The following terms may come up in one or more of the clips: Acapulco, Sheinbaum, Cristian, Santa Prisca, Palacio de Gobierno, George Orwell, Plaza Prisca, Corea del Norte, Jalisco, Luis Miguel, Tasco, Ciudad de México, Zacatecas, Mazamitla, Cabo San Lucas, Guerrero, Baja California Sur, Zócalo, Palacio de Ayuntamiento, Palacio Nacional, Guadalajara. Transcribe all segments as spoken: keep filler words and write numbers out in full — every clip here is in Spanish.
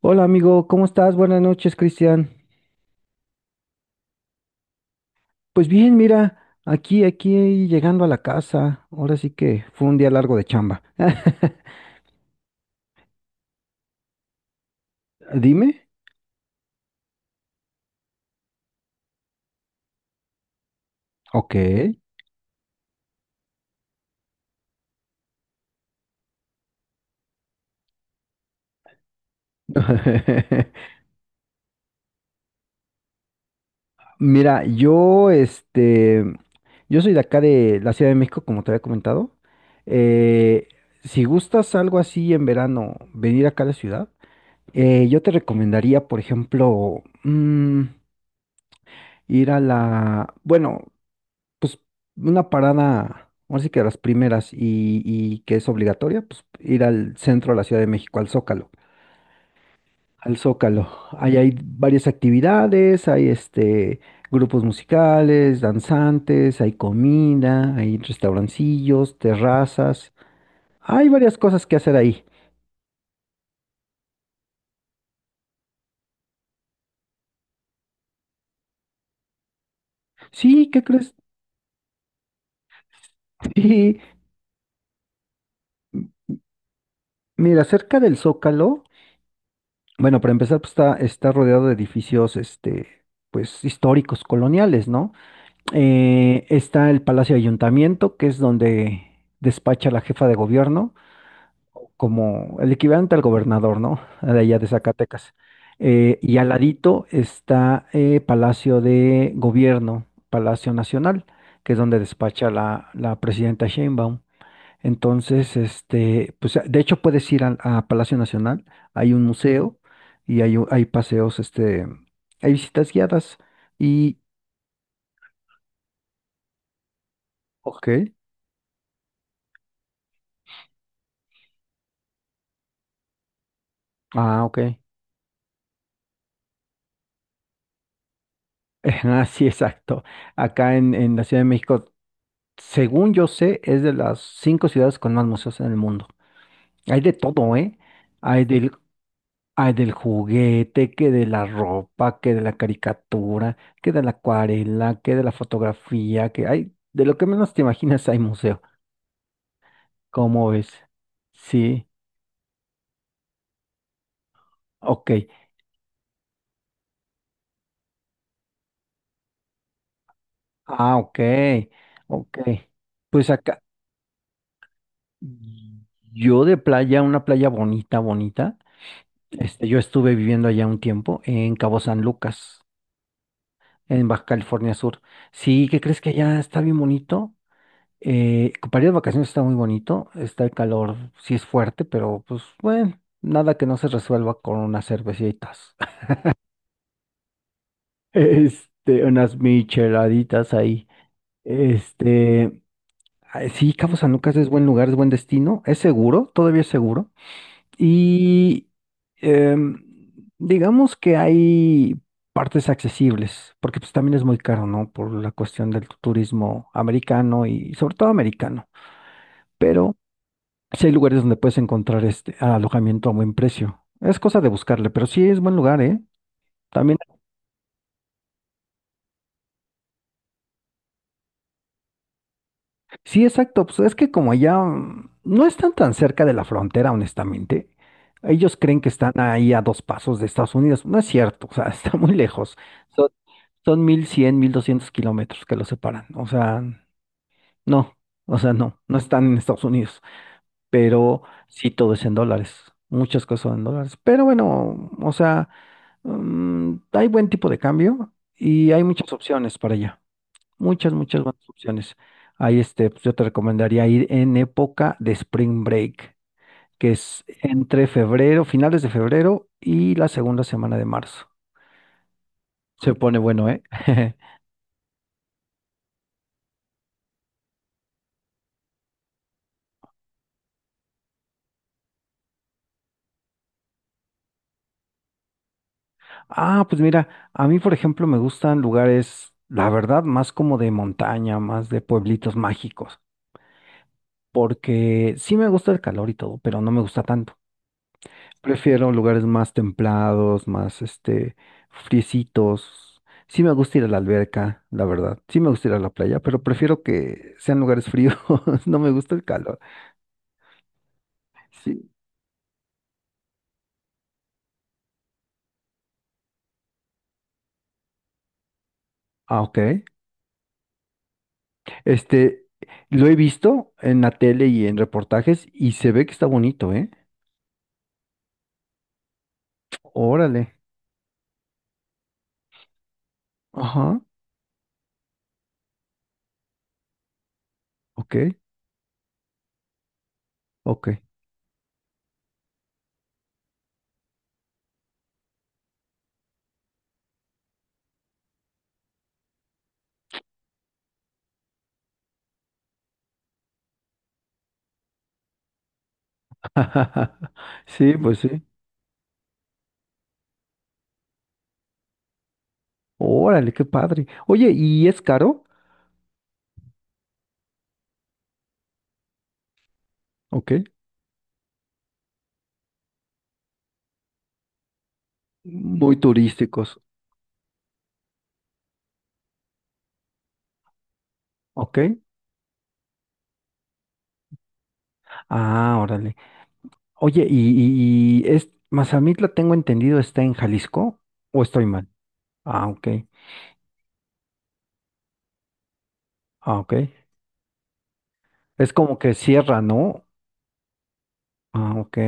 Hola amigo, ¿cómo estás? Buenas noches, Cristian. Pues bien, mira, aquí, aquí llegando a la casa. Ahora sí que fue un día largo de chamba. Dime. Ok. Mira, yo, este, yo soy de acá de la Ciudad de México, como te había comentado. Eh, si gustas algo así en verano, venir acá a la ciudad, eh, yo te recomendaría, por ejemplo, mm, ir a la, bueno, una parada, así que las primeras y, y que es obligatoria, pues ir al centro de la Ciudad de México, al Zócalo. Al Zócalo. Ahí hay varias actividades, hay este, grupos musicales, danzantes, hay comida, hay restaurancillos, terrazas. Hay varias cosas que hacer ahí. Sí, ¿qué crees? Sí, mira, cerca del Zócalo, bueno, para empezar, pues está, está rodeado de edificios, este, pues históricos, coloniales, ¿no? Eh, está el Palacio de Ayuntamiento, que es donde despacha la jefa de gobierno, como el equivalente al gobernador, ¿no? De allá de Zacatecas. Eh, y al ladito está eh, Palacio de Gobierno, Palacio Nacional, que es donde despacha la, la presidenta Sheinbaum. Entonces, este, pues de hecho puedes ir al- a, Palacio Nacional, hay un museo y hay, u- hay paseos, este, hay visitas guiadas y... Ok. Ah, ok. Así, exacto. Acá en, en la Ciudad de México, según yo sé, es de las cinco ciudades con más museos en el mundo. Hay de todo, ¿eh? Hay del, hay del juguete, que de la ropa, que de la caricatura, que de la acuarela, que de la fotografía, que hay, de lo que menos te imaginas hay museo. ¿Cómo ves? Sí, ok. Ah, ok, ok. Pues acá, yo de playa, una playa bonita, bonita. Este, yo estuve viviendo allá un tiempo en Cabo San Lucas, en Baja California Sur. Sí, ¿qué crees que allá está bien bonito? Eh, para ir de vacaciones está muy bonito, está el calor, sí es fuerte, pero pues bueno, nada que no se resuelva con unas cervecitas, este, unas micheladitas ahí. Este, ah, sí, Cabo San Lucas es buen lugar, es buen destino, es seguro, todavía es seguro. Y em, digamos que hay partes accesibles, porque pues también es muy caro, ¿no? Por la cuestión del turismo americano y sobre todo americano. Pero sí hay lugares donde puedes encontrar este alojamiento a buen precio. Es cosa de buscarle, pero sí es buen lugar, ¿eh? También sí, exacto. Pues es que como allá mm, no están tan cerca de la frontera, honestamente, ellos creen que están ahí a dos pasos de Estados Unidos. No es cierto, o sea, está muy lejos. Son, son mil cien, mil doscientos kilómetros que los separan. O sea, no, o sea, no, no están en Estados Unidos. Pero sí, todo es en dólares. Muchas cosas son en dólares. Pero bueno, o sea, mm, hay buen tipo de cambio y hay muchas opciones para allá. Muchas, muchas buenas opciones. Ahí este, pues yo te recomendaría ir en época de Spring Break, que es entre febrero, finales de febrero y la segunda semana de marzo. Se pone bueno, ¿eh? Ah, pues mira, a mí, por ejemplo, me gustan lugares, la verdad, más como de montaña, más de pueblitos mágicos, porque sí me gusta el calor y todo, pero no me gusta tanto. Prefiero lugares más templados, más este, friecitos. Sí me gusta ir a la alberca, la verdad. Sí me gusta ir a la playa, pero prefiero que sean lugares fríos. No me gusta el calor. Sí. Ah, ok. Este, lo he visto en la tele y en reportajes y se ve que está bonito, ¿eh? Órale. Ajá. Ok. Ok. Sí, pues sí. Órale, qué padre. Oye, ¿y es caro? Ok. Muy turísticos. Ok. Ah, órale. Oye, y, y, y es, Mazamitla, tengo entendido, está en Jalisco, ¿o estoy mal? Ah, ok, ah, ok. Es como que cierra, ¿no? Ah, ok.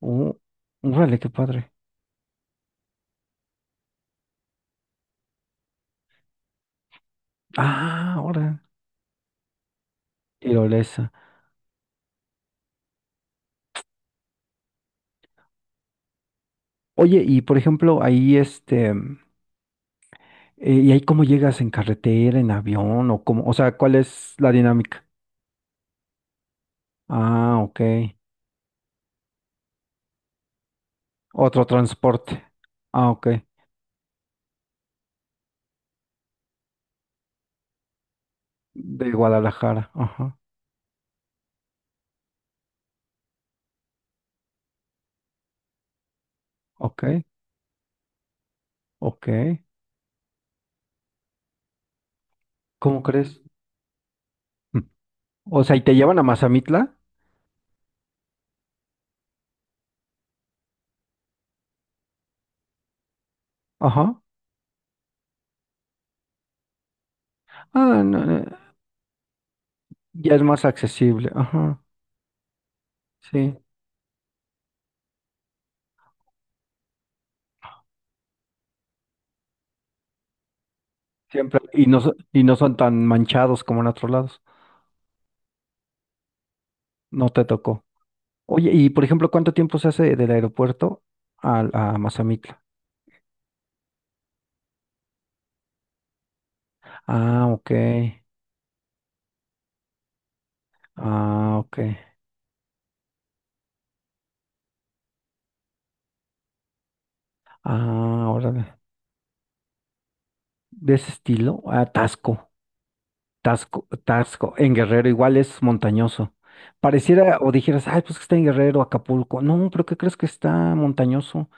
Uh, Órale, qué padre. Ah, ahora, tirolesa. Oye, y por ejemplo, ahí este, eh, ¿y ahí cómo llegas en carretera, en avión, o cómo, o sea, cuál es la dinámica? Ah, ok. Otro transporte. Ah, ok. De Guadalajara, ajá. Ok, ok. ¿Cómo crees? O sea, ¿y te llevan a Mazamitla? Ajá. Ah, no, no, ya es más accesible. Ajá. Sí, siempre. Y no, so- y no son tan manchados como en otros lados. No te tocó. Oye, y por ejemplo, ¿cuánto tiempo se hace del aeropuerto al- a, Mazamitla? Ah, ok. Ah, ok. Ah, órale. De ese estilo, ah, Tasco. Tasco, Tasco. En Guerrero igual es montañoso. Pareciera, o dijeras, ay, pues que está en Guerrero, Acapulco. No, pero ¿qué crees que está montañoso?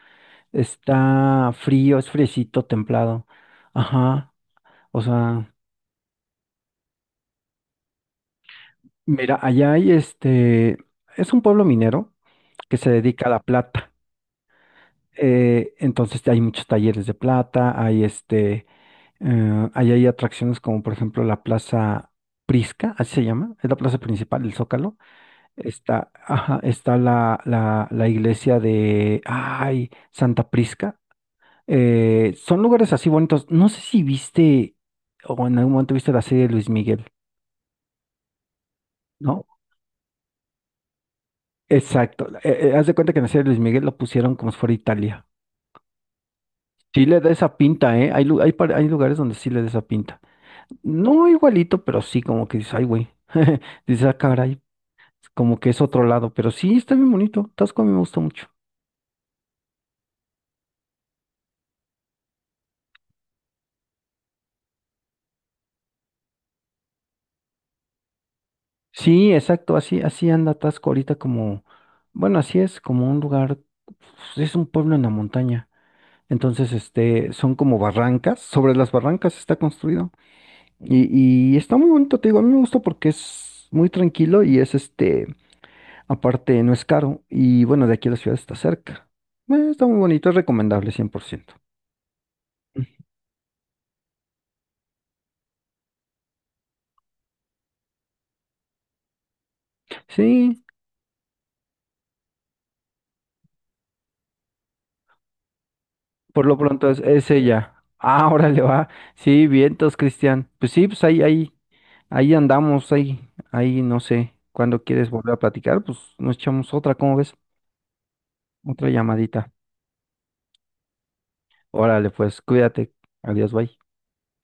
Está frío, es fresito, templado. Ajá. O sea, mira, allá hay este, es un pueblo minero que se dedica a la plata. Eh, entonces hay muchos talleres de plata, hay este, eh, ahí hay atracciones como por ejemplo la Plaza Prisca, así se llama, es la plaza principal, el Zócalo. Está, ajá, está la, la, la iglesia de, ay, Santa Prisca. Eh, son lugares así bonitos. No sé si viste o en algún momento viste la serie de Luis Miguel, ¿no? Exacto. Eh, eh, haz de cuenta que en la serie de Luis Miguel lo pusieron como si fuera Italia. Sí le da esa pinta, ¿eh? Hay, lu- hay, par- hay lugares donde sí le da esa pinta. No igualito, pero sí como que dices, ay, güey. Dices, ah, caray, como que es otro lado. Pero sí, está bien bonito. Tasco a mí me gusta mucho. Sí, exacto, así, así anda Tasco ahorita como, bueno, así es, como un lugar, pues, es un pueblo en la montaña. Entonces, este, son como barrancas, sobre las barrancas está construido. Y, y está muy bonito, te digo, a mí me gusta porque es muy tranquilo y es este, aparte no es caro. Y bueno, de aquí a la ciudad está cerca. Eh, está muy bonito, es recomendable cien por ciento. Sí, por lo pronto es, es ella. Ah, órale, va. Sí, vientos, Cristian. Pues sí, pues ahí, ahí, ahí, andamos, ahí, ahí, no sé. Cuando quieres volver a platicar, pues nos echamos otra, ¿cómo ves? Otra llamadita. Órale, pues, cuídate. Adiós, bye.